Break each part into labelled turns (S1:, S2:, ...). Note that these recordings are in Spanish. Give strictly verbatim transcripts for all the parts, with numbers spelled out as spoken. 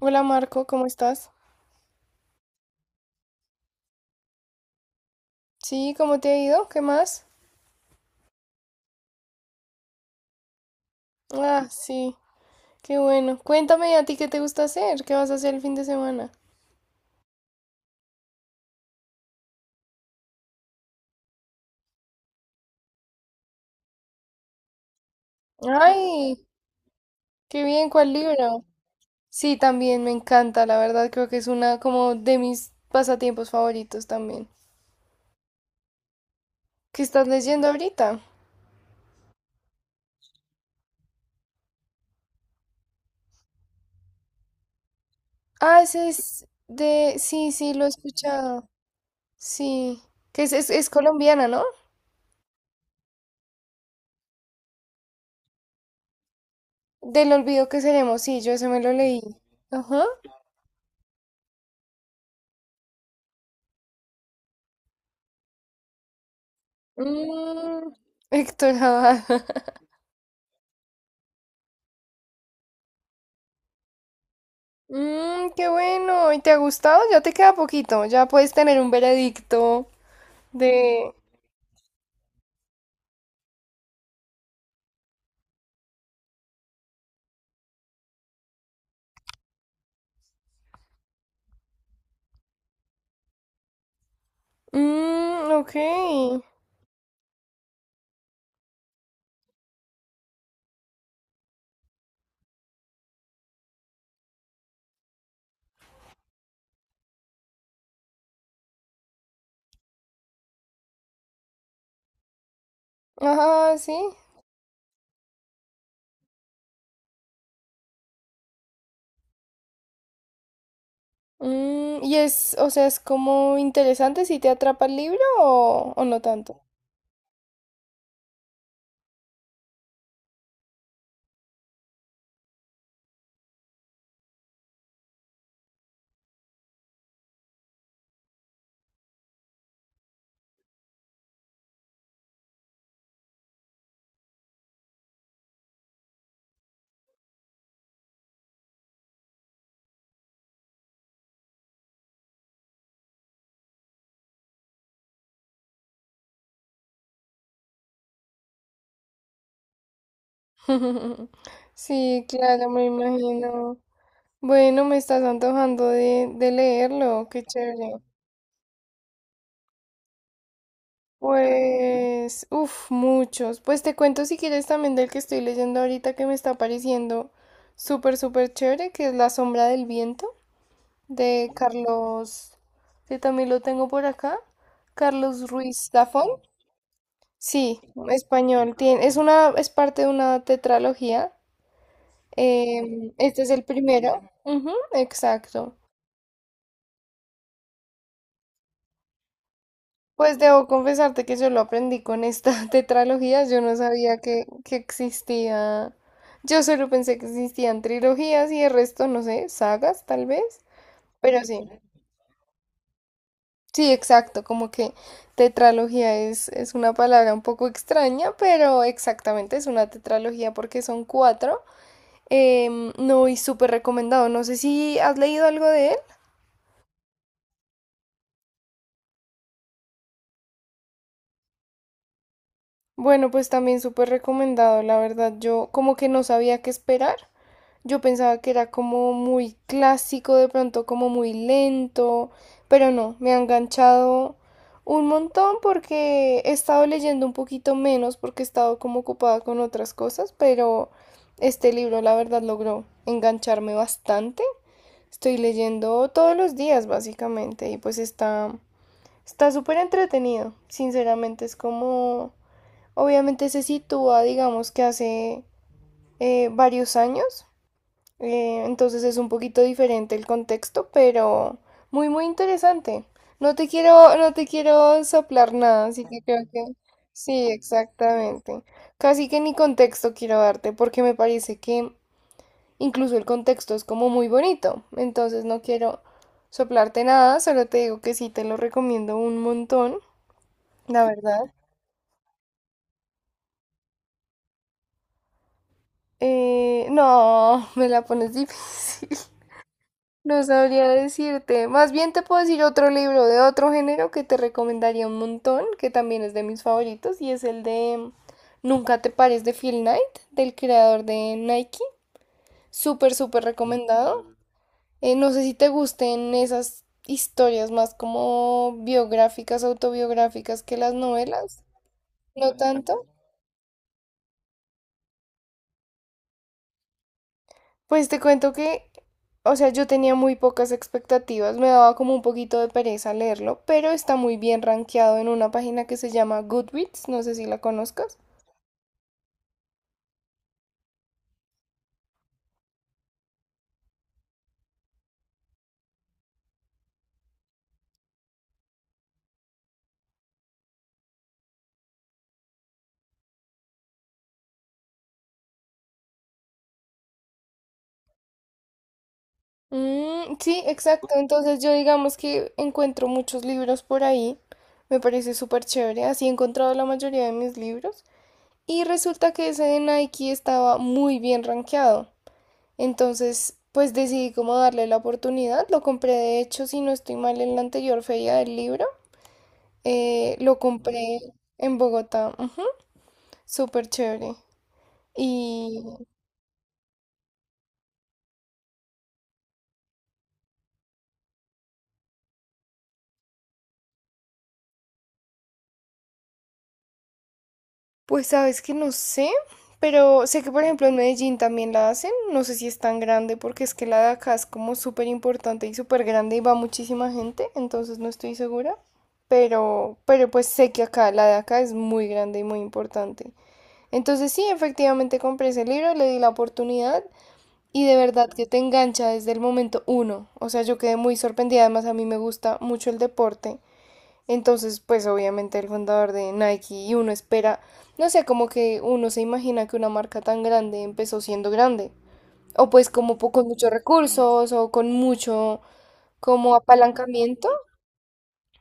S1: Hola Marco, ¿cómo estás? Sí, ¿cómo te ha ido? ¿Qué más? Ah, sí, qué bueno. Cuéntame a ti qué te gusta hacer, qué vas a hacer el fin de semana. Ay, qué bien, ¿cuál libro? Sí, también me encanta, la verdad creo que es una como de mis pasatiempos favoritos también. ¿Qué estás leyendo ahorita? Ah, ese es de. Sí, sí, lo he escuchado. Sí, que es, es, es colombiana, ¿no? Del olvido que seremos, sí, yo ese me lo leí. Ajá. Mm, Héctor Abad. Mmm, qué bueno. ¿Y te ha gustado? Ya te queda poquito. Ya puedes tener un veredicto de. Mmm, ok. Ajá, sí. Mm, y es, o sea, es como interesante si te atrapa el libro o, o no tanto. Sí, claro, me imagino. Bueno, me estás antojando de, de leerlo. Qué chévere. Pues, uff, muchos. Pues te cuento si quieres también del que estoy leyendo ahorita que me está pareciendo súper, súper chévere, que es La sombra del viento de Carlos, que también lo tengo por acá, Carlos Ruiz Zafón. Sí, español. Tiene, es una, es parte de una tetralogía. em, este es el primero. Ujú, exacto. Pues debo confesarte que yo lo aprendí con esta tetralogía, yo no sabía que, que existía, yo solo pensé que existían trilogías y el resto, no sé, sagas tal vez, pero sí, sí, exacto, como que tetralogía es, es una palabra un poco extraña, pero exactamente es una tetralogía porque son cuatro. Em, no, y súper recomendado, no sé si has leído algo de él. Bueno, pues también súper recomendado, la verdad, yo como que no sabía qué esperar. Yo pensaba que era como muy clásico, de pronto como muy lento, pero no, me ha enganchado un montón porque he estado leyendo un poquito menos porque he estado como ocupada con otras cosas, pero este libro la verdad logró engancharme bastante. Estoy leyendo todos los días básicamente y pues está está súper entretenido, sinceramente es como obviamente se sitúa digamos que hace eh, varios años, eh, entonces es un poquito diferente el contexto, pero muy, muy interesante. No te quiero, no te quiero soplar nada, así que creo que sí, exactamente. Casi que ni contexto quiero darte, porque me parece que incluso el contexto es como muy bonito. Entonces no quiero soplarte nada, solo te digo que sí te lo recomiendo un montón, la verdad. Eh, no, me la pones difícil. No sabría decirte. Más bien te puedo decir otro libro de otro género que te recomendaría un montón, que también es de mis favoritos, y es el de Nunca te pares de Phil Knight, del creador de Nike. Súper, súper recomendado. Eh, no sé si te gusten esas historias más como biográficas, autobiográficas que las novelas. No tanto. Pues te cuento que, o sea, yo tenía muy pocas expectativas, me daba como un poquito de pereza leerlo, pero está muy bien rankeado en una página que se llama Goodreads, no sé si la conozcas. Mm, sí, exacto. Entonces yo digamos que encuentro muchos libros por ahí. Me parece súper chévere. Así he encontrado la mayoría de mis libros. Y resulta que ese de Nike estaba muy bien rankeado. Entonces, pues decidí como darle la oportunidad. Lo compré de hecho, si no estoy mal, en la anterior feria del libro. Eh, lo compré en Bogotá, ujú. Súper chévere. Y pues sabes que no sé, pero sé que por ejemplo en Medellín también la hacen, no sé si es tan grande porque es que la de acá es como súper importante y súper grande y va muchísima gente, entonces no estoy segura, pero, pero pues sé que acá, la de acá es muy grande y muy importante. Entonces sí, efectivamente compré ese libro, le di la oportunidad. Y de verdad que te engancha desde el momento uno. O sea, yo quedé muy sorprendida. Además, a mí me gusta mucho el deporte. Entonces, pues obviamente el fundador de Nike y uno espera, no sé, como que uno se imagina que una marca tan grande empezó siendo grande. O pues como po- con muchos recursos o con mucho como apalancamiento.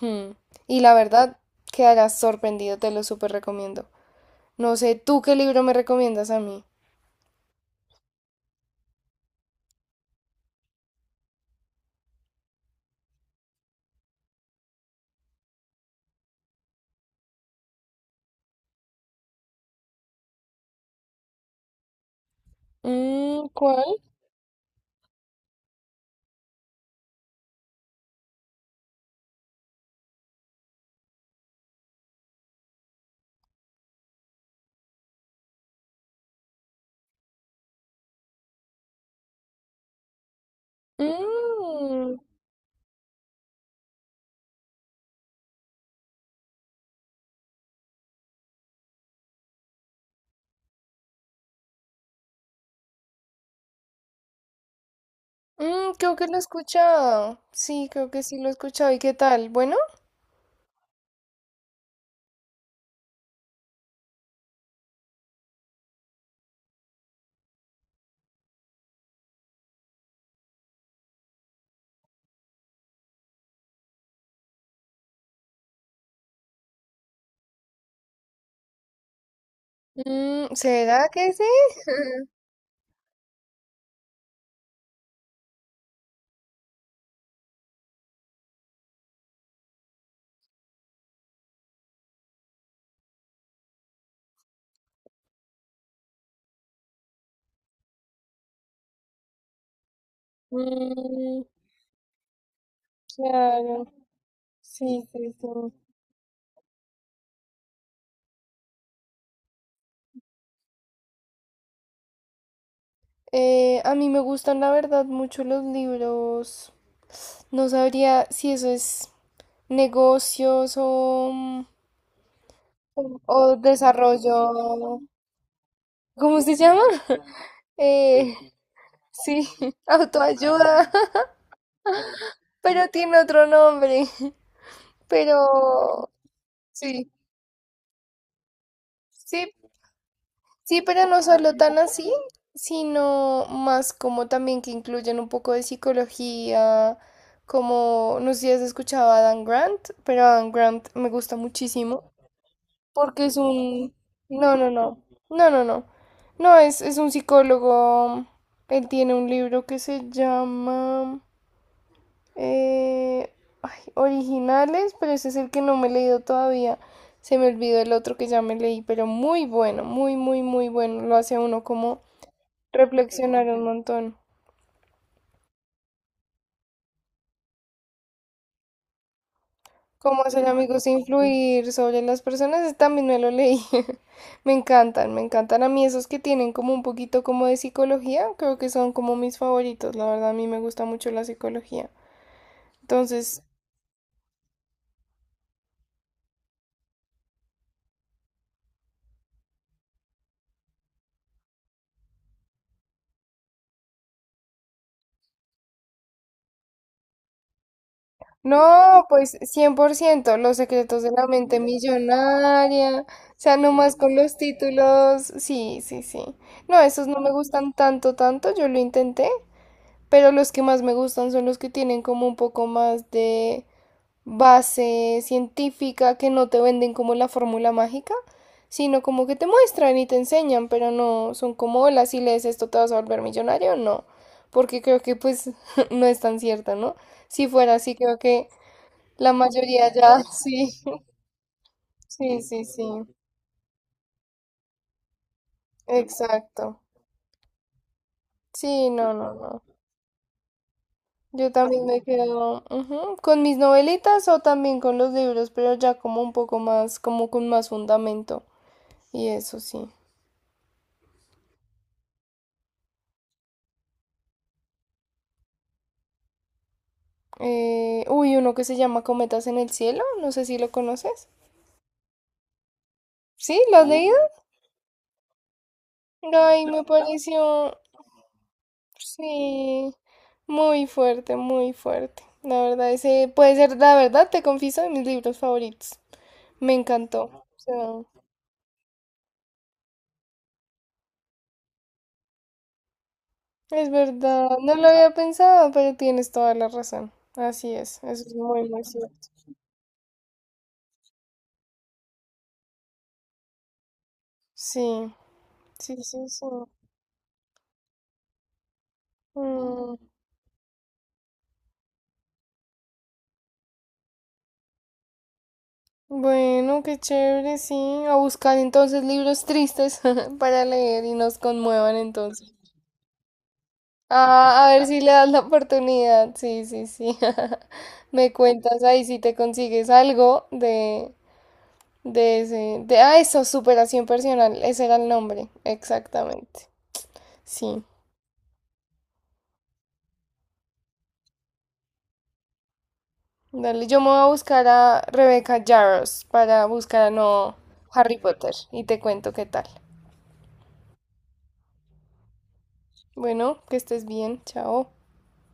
S1: Hmm. Y la verdad, quedarás sorprendido, te lo súper recomiendo. No sé, ¿tú qué libro me recomiendas a mí? Mm, ¿cuál? Mm. Mm, creo que lo he escuchado. Sí, creo que sí lo he escuchado. ¿Y qué tal? ¿Bueno? Mm, ¿será que sí? Mm, claro. Sí, sí, sí. Eh, a mí me gustan, la verdad, mucho los libros. No sabría si eso es negocios o, mm, o desarrollo. ¿Cómo se llama? Eh, sí, autoayuda, pero tiene otro nombre. Pero sí, sí, sí, pero no solo tan así, sino más como también que incluyen un poco de psicología, como no sé si has escuchado a Dan Grant, pero Dan Grant me gusta muchísimo porque es un. No, no, no, no, no, no, no, es, es un psicólogo, él tiene un libro que se llama, eh, ay, Originales, pero ese es el que no me he leído todavía. Se me olvidó el otro que ya me leí, pero muy bueno, muy, muy, muy bueno. Lo hace a uno como reflexionar un montón. ¿Cómo hacer amigos e influir sobre las personas? Ese también me lo leí. Me encantan, me encantan a mí esos que tienen como un poquito como de psicología. Creo que son como mis favoritos. La verdad, a mí me gusta mucho la psicología. Entonces, no, pues cien por ciento, los secretos de la mente millonaria. O sea, nomás con los títulos. Sí, sí, sí. No, esos no me gustan tanto, tanto. Yo lo intenté, pero los que más me gustan son los que tienen como un poco más de base científica que no te venden como la fórmula mágica, sino como que te muestran y te enseñan, pero no son como, hola, si lees esto te vas a volver millonario, no, porque creo que pues no es tan cierta, ¿no? Si fuera así, creo que la mayoría ya, sí, sí, sí, sí, exacto. Sí, no, no, no. Yo también me quedo ujú, con mis novelitas o también con los libros, pero ya como un poco más, como con más fundamento. Y eso sí. Eh, uy, uno que se llama Cometas en el Cielo, no sé si lo conoces. ¿Sí? ¿Lo has leído? Ay, me pareció, sí, muy fuerte, muy fuerte. La verdad, ese puede ser, la verdad, te confieso, de mis libros favoritos. Me encantó. O sea, es verdad, no lo había pensado, pero tienes toda la razón. Así es, eso es muy, muy cierto. Sí, sí, sí, sí. Mm. Bueno, qué chévere, sí. A buscar entonces libros tristes para leer y nos conmuevan entonces. Ah, a ver si le das la oportunidad. Sí, sí, sí. Me cuentas ahí si te consigues algo de, de ese. De, ah, eso, superación personal. Ese era el nombre. Exactamente. Sí. Dale, yo me voy a buscar a Rebecca Yarros para buscar a no Harry Potter y te cuento qué tal. Bueno, que estés bien. Chao.